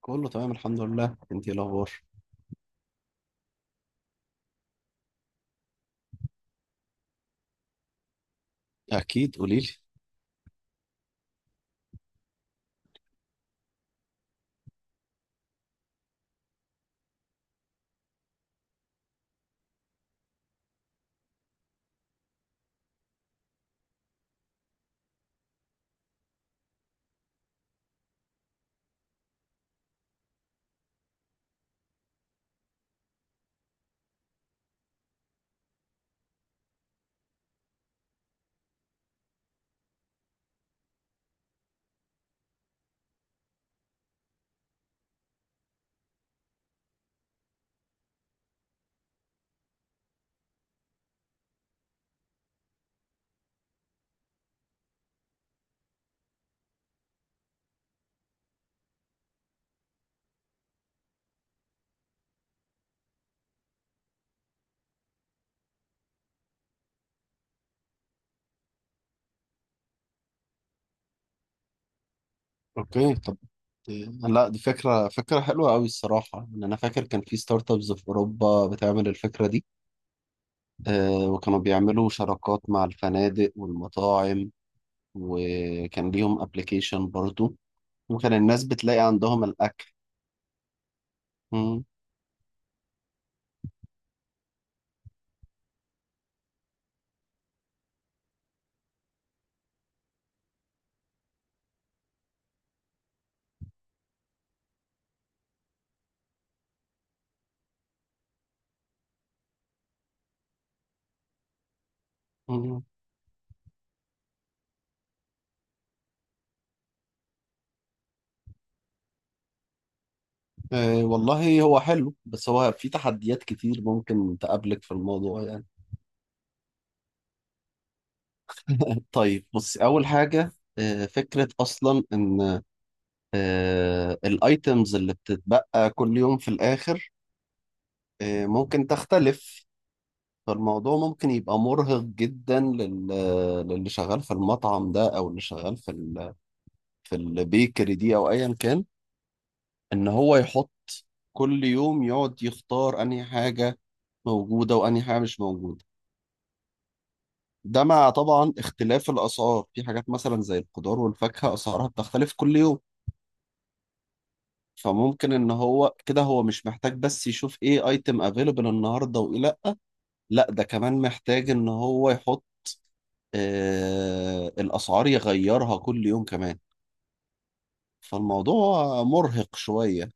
كله تمام الحمد لله. انت ايه الاخبار؟ اكيد، قولي لي. اوكي، طب لا دي فكره حلوه قوي الصراحه. ان انا فاكر كان في ستارت ابس في اوروبا بتعمل الفكره دي. آه، وكانوا بيعملوا شراكات مع الفنادق والمطاعم، وكان ليهم ابلكيشن برضو، وكان الناس بتلاقي عندهم الاكل. مم، مم. آه والله هو حلو، بس هو في تحديات كتير ممكن تقابلك في الموضوع يعني. طيب بص، اول حاجه، فكرة أصلا إن الايتمز اللي بتتبقى كل يوم في الاخر، ممكن تختلف. فالموضوع ممكن يبقى مرهق جدا للي شغال في المطعم ده، او اللي شغال في البيكري دي او ايا كان، ان هو يحط كل يوم، يقعد يختار انهي حاجة موجودة وانهي حاجة مش موجودة. ده مع طبعا اختلاف الاسعار في حاجات مثلا زي الخضار والفاكهة، اسعارها بتختلف كل يوم. فممكن ان هو كده هو مش محتاج بس يشوف ايه ايتم افيلبل النهارده وايه لا، لا ده كمان محتاج ان هو يحط آه الاسعار، يغيرها كل يوم كمان. فالموضوع مرهق شوية.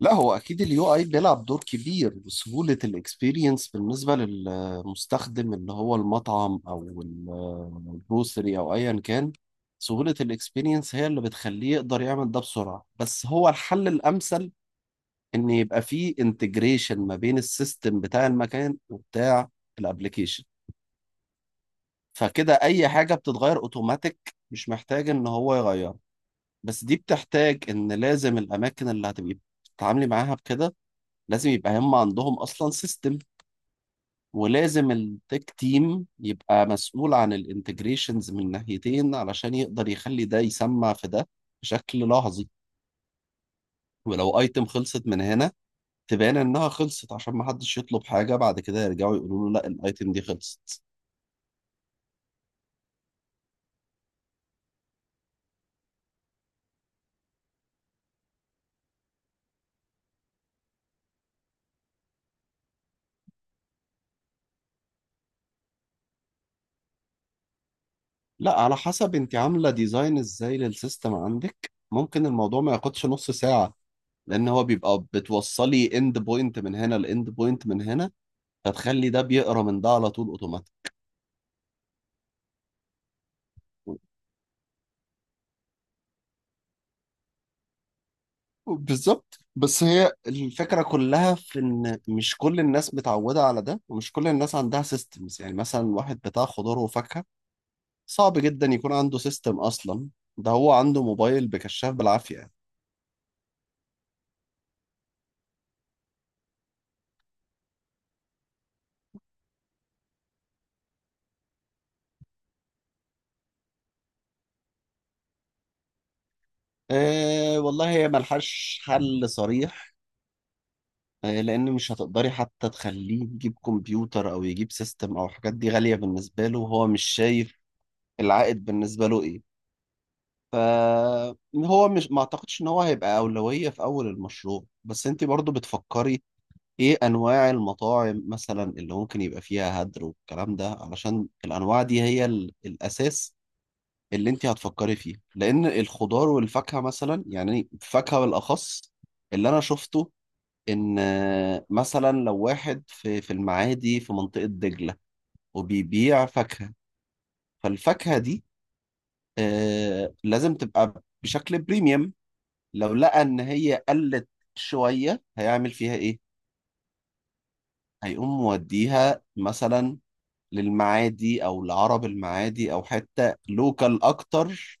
لا هو اكيد اليو اي بيلعب دور كبير، وسهولة الاكسبيرينس بالنسبة للمستخدم اللي هو المطعم او الجروسري او ايا كان، سهولة الاكسبيرينس هي اللي بتخليه يقدر يعمل ده بسرعة. بس هو الحل الامثل ان يبقى فيه انتجريشن ما بين السيستم بتاع المكان وبتاع الابليكيشن، فكده اي حاجه بتتغير اوتوماتيك، مش محتاج ان هو يغير. بس دي بتحتاج ان لازم الاماكن اللي هتبقي بتتعاملي معاها بكده، لازم يبقى هم عندهم اصلا سيستم، ولازم التك تيم يبقى مسؤول عن الانتجريشنز من ناحيتين علشان يقدر يخلي ده يسمع في ده بشكل لحظي. ولو ايتم خلصت من هنا تبان انها خلصت، عشان ما حدش يطلب حاجه بعد كده يرجعوا يقولوا له لا الايتم دي خلصت. لا على حسب انت عامله ديزاين ازاي للسيستم عندك، ممكن الموضوع ما ياخدش نص ساعه، لان هو بيبقى بتوصلي اند بوينت من هنا لاند بوينت من هنا، فتخلي ده بيقرا من ده على طول اوتوماتيك. بالظبط، بس هي الفكرة كلها في إن مش كل الناس متعودة على ده، ومش كل الناس عندها سيستمز. يعني مثلا واحد بتاع خضار وفاكهة صعب جدا يكون عنده سيستم أصلا، ده هو عنده موبايل بكشاف بالعافية يعني. إيه والله، هي ملهاش حل صريح. لان مش هتقدري حتى تخليه يجيب كمبيوتر او يجيب سيستم، او حاجات دي غالية بالنسبة له وهو مش شايف العائد بالنسبة له ايه. فهو مش ما اعتقدش ان هو هيبقى أولوية في اول المشروع. بس انت برضو بتفكري ايه انواع المطاعم مثلا اللي ممكن يبقى فيها هدر والكلام ده، علشان الانواع دي هي الاساس اللي انت هتفكري فيه. لان الخضار والفاكهة مثلا، يعني الفاكهة بالاخص، اللي انا شفته ان مثلا لو واحد في المعادي في منطقة دجلة وبيبيع فاكهة، فالفاكهة دي لازم تبقى بشكل بريميوم. لو لقى ان هي قلت شوية، هيعمل فيها ايه؟ هيقوم موديها مثلا للمعادي او لعرب المعادي، او حتة لوكال اكتر،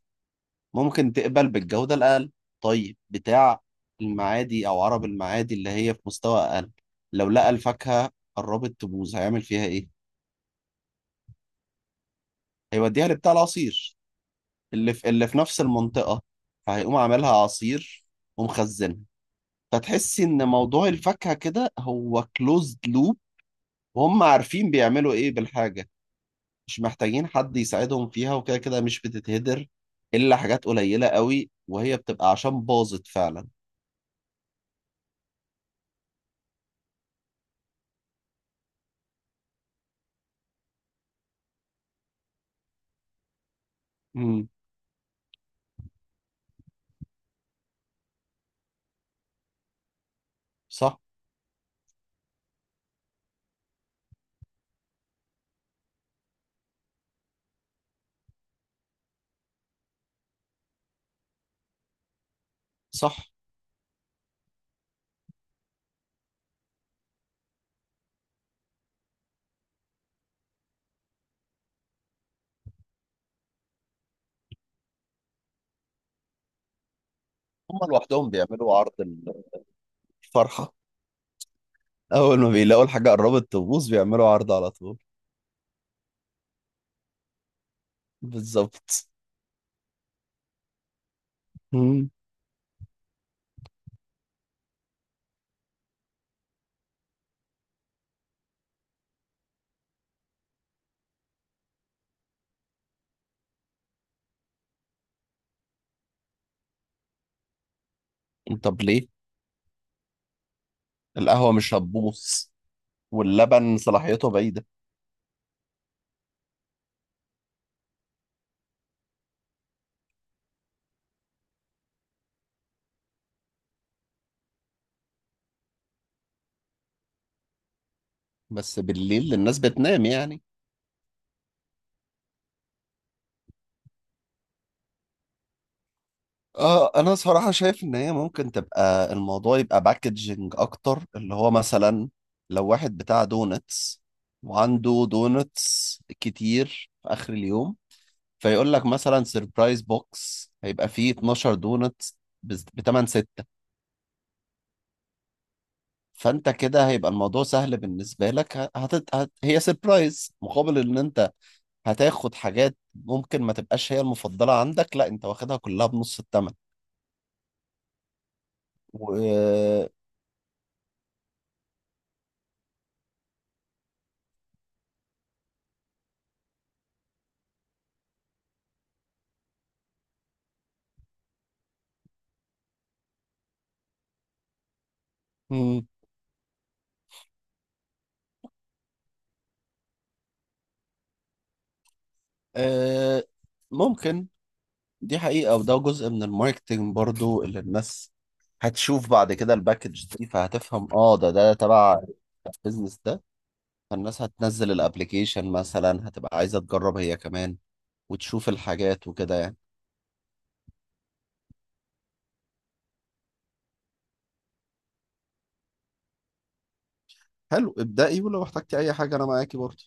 ممكن تقبل بالجودة الاقل. طيب بتاع المعادي او عرب المعادي اللي هي في مستوى اقل، لو لقى الفاكهة قربت تبوظ، هيعمل فيها ايه؟ هيوديها لبتاع العصير اللي في اللي في نفس المنطقة، فهيقوم عاملها عصير ومخزنها. فتحسي ان موضوع الفاكهة كده هو كلوزد لوب، وهم عارفين بيعملوا ايه بالحاجة، مش محتاجين حد يساعدهم فيها، وكده كده مش بتتهدر الا حاجات قليلة قوي، وهي بتبقى عشان باظت فعلا. امم، صح صح. هم لوحدهم بيعملوا عرض الفرحة، اول ما بيلاقوا الحاجة قربت تبوظ بيعملوا عرض على طول. بالظبط. مم. طب ليه؟ القهوة مش هتبوظ واللبن صلاحيته بعيدة. بس بالليل الناس بتنام يعني. اه انا صراحة شايف ان هي ممكن تبقى الموضوع يبقى باكجنج اكتر، اللي هو مثلا لو واحد بتاع دونتس وعنده دونتس كتير في اخر اليوم، فيقول لك مثلا سيربرايز بوكس هيبقى فيه 12 دونتس ب 8 6. فانت كده هيبقى الموضوع سهل بالنسبة لك، هي سيربرايز مقابل ان انت هتاخد حاجات ممكن ما تبقاش هي المفضلة عندك، لا انت واخدها كلها بنص الثمن. و مم. آه، ممكن، دي حقيقة، وده جزء من الماركتينج برضو، اللي الناس هتشوف بعد كده الباكج دي فهتفهم اه ده تبع البيزنس ده. فالناس هتنزل الابليكيشن مثلا هتبقى عايزة تجرب هي كمان وتشوف الحاجات وكده يعني. حلو، ابدأي، ولو احتجتي اي حاجة انا معاكي برضو.